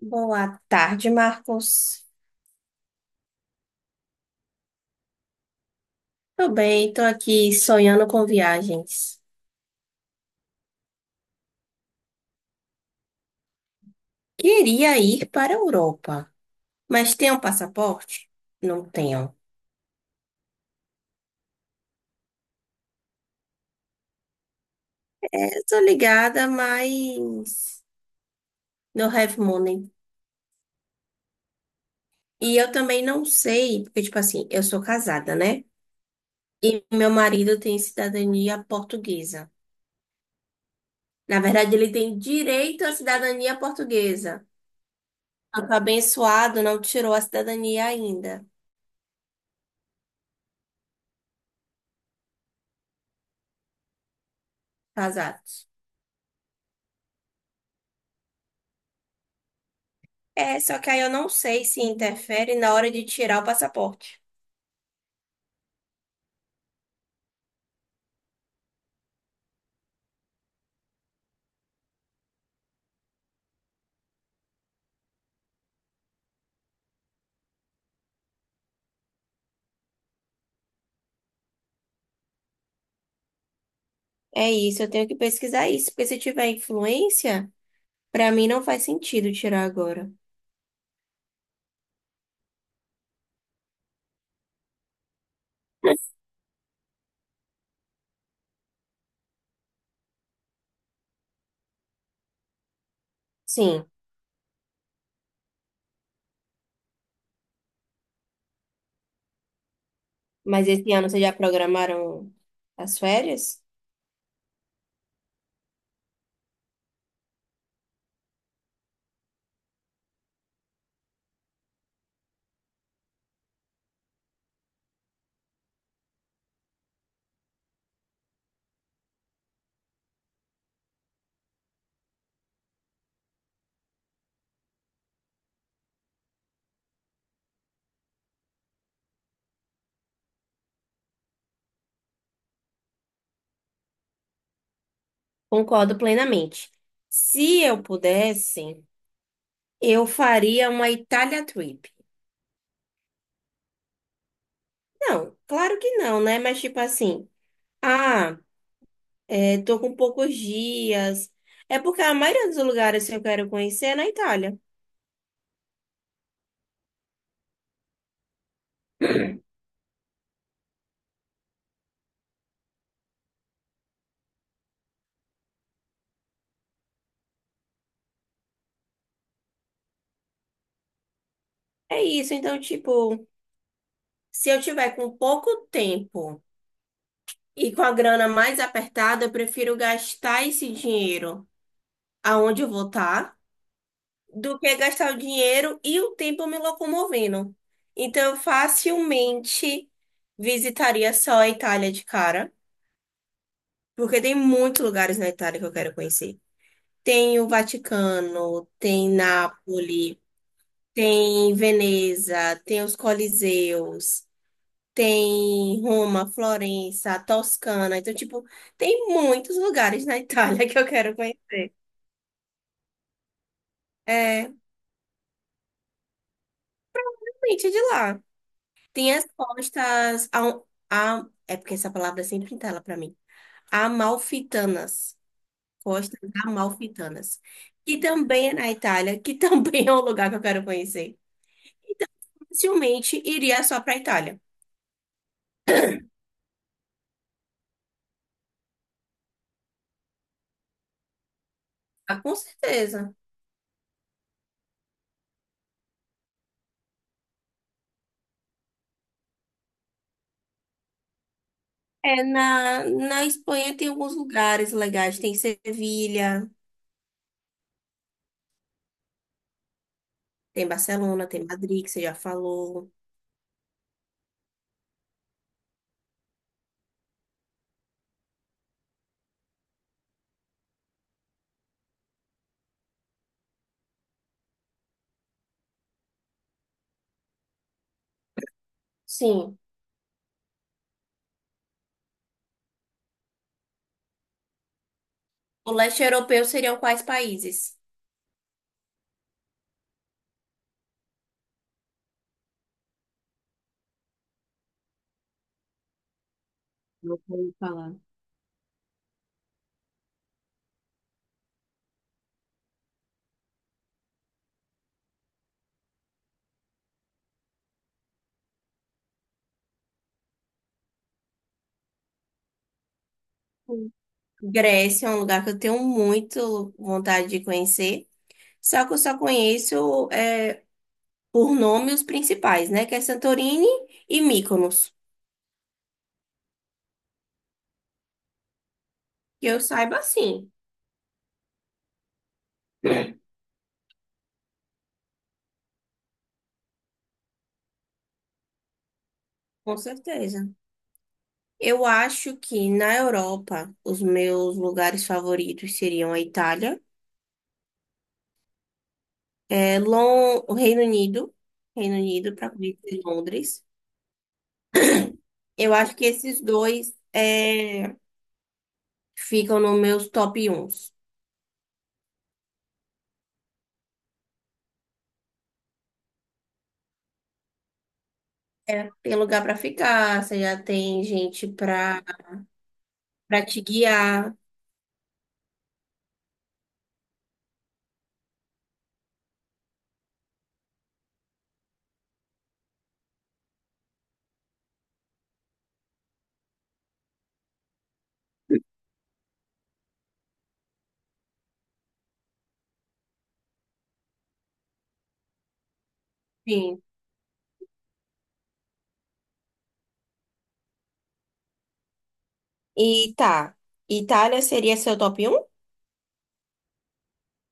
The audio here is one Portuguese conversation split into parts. Boa tarde, Marcos. Tô bem, tô aqui sonhando com viagens. Queria ir para a Europa, mas tem um passaporte? Não tenho. Eu tô ligada, mas no have money. E eu também não sei, porque, tipo assim, eu sou casada, né? E meu marido tem cidadania portuguesa. Na verdade, ele tem direito à cidadania portuguesa. Eu tô abençoado, não tirou a cidadania ainda. Casado. É, só que aí eu não sei se interfere na hora de tirar o passaporte. É isso, eu tenho que pesquisar isso, porque se tiver influência, pra mim não faz sentido tirar agora. Sim, mas esse ano vocês já programaram as férias? Concordo plenamente. Se eu pudesse, eu faria uma Itália trip. Não, claro que não, né? Mas tipo assim, ah, é, tô com poucos dias. É porque a maioria dos lugares que eu quero conhecer é na Itália. É isso, então, tipo, se eu tiver com pouco tempo e com a grana mais apertada, eu prefiro gastar esse dinheiro aonde eu vou estar do que gastar o dinheiro e o tempo me locomovendo. Então, eu facilmente visitaria só a Itália de cara, porque tem muitos lugares na Itália que eu quero conhecer. Tem o Vaticano, tem Nápoles, tem Veneza, tem os Coliseus. Tem Roma, Florença, Toscana. Então, tipo, tem muitos lugares na Itália que eu quero conhecer. É, realmente é de lá. Tem as costas. É porque essa palavra sempre entala pra mim. Amalfitanas. Costas Amalfitanas. Que também é na Itália, que também é um lugar que eu quero conhecer. Facilmente iria só pra Itália. Ah, com certeza. É, na Espanha tem alguns lugares legais. Tem Sevilha. Tem Barcelona, tem Madrid, que você já falou. Sim. O leste europeu seriam quais países? Não vou falar. Hum. Grécia é um lugar que eu tenho muito vontade de conhecer. Só que eu só conheço por nome os principais, né? Que é Santorini e Mykonos. Que eu saiba, sim, com certeza. Eu acho que na Europa os meus lugares favoritos seriam a Itália, o Reino Unido para conhecer Londres. Eu acho que esses dois ficam nos meus top 1. É, tem lugar pra ficar, você já tem gente pra para te guiar. Sim. E tá. Itália seria seu top um?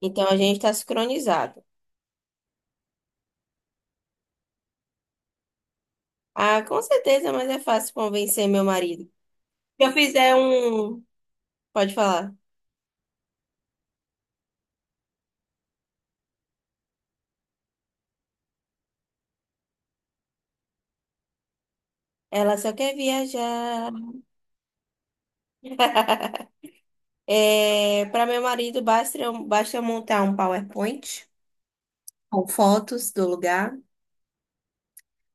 Então a gente tá sincronizado. Ah, com certeza, mas é fácil convencer meu marido. Se eu fizer um. Pode falar. Ela só quer viajar. É, para meu marido, basta eu montar um PowerPoint com fotos do lugar,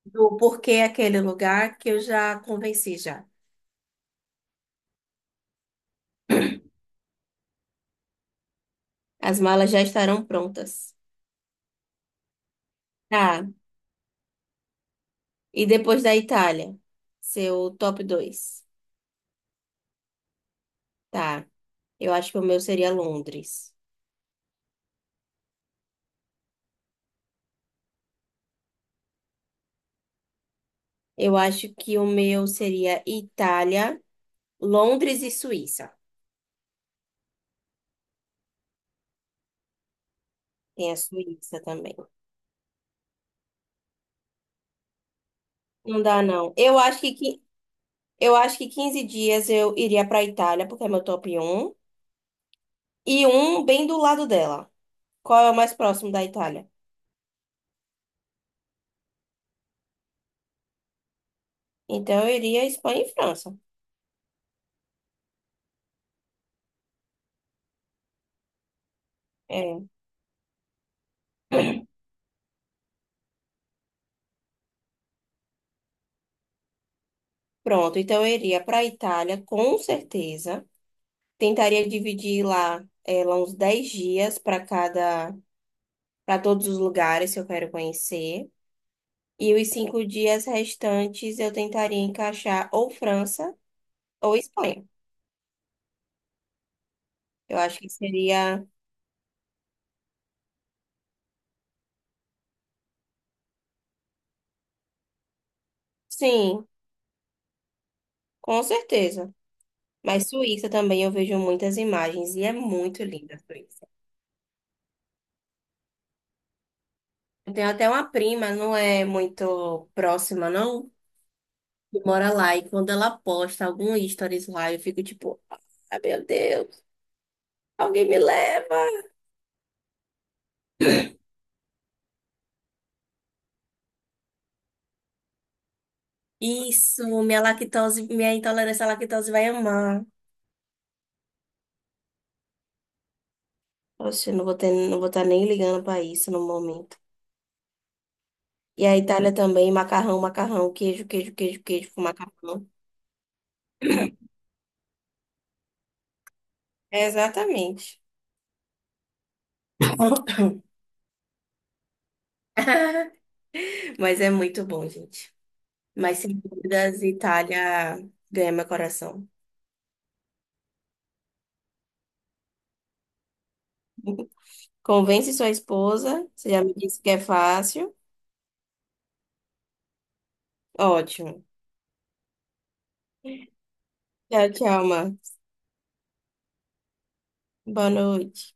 do porquê aquele lugar que eu já convenci já. As malas já estarão prontas. Tá. E depois da Itália, seu top 2, tá. Eu acho que o meu seria Londres. Eu acho que o meu seria Itália, Londres e Suíça. Tem a Suíça também. Não dá, não. Eu acho que 15 dias eu iria para Itália, porque é meu top um e um bem do lado dela. Qual é o mais próximo da Itália? Então eu iria Espanha e França. É. Pronto, então eu iria para a Itália, com certeza. Tentaria dividir lá uns 10 dias para cada, para todos os lugares que eu quero conhecer. E os 5 dias restantes eu tentaria encaixar ou França ou Espanha. Eu acho que seria, sim, com certeza. Mas Suíça também eu vejo muitas imagens e é muito linda a Suíça. Eu tenho até uma prima, não é muito próxima, não, que mora lá. E quando ela posta algum stories lá, eu fico tipo, ah, meu Deus, alguém me leva. Isso, minha intolerância à lactose vai amar. Oxe, eu não vou ter, não vou estar nem ligando pra isso no momento. E a Itália também, macarrão, macarrão, queijo, queijo, queijo, queijo com macarrão. É, exatamente. Mas é muito bom, gente. Mas sem dúvidas, Itália ganha meu coração. Convence sua esposa, você já me disse que é fácil. Ótimo. Tchau, tchau, Marcos. Boa noite.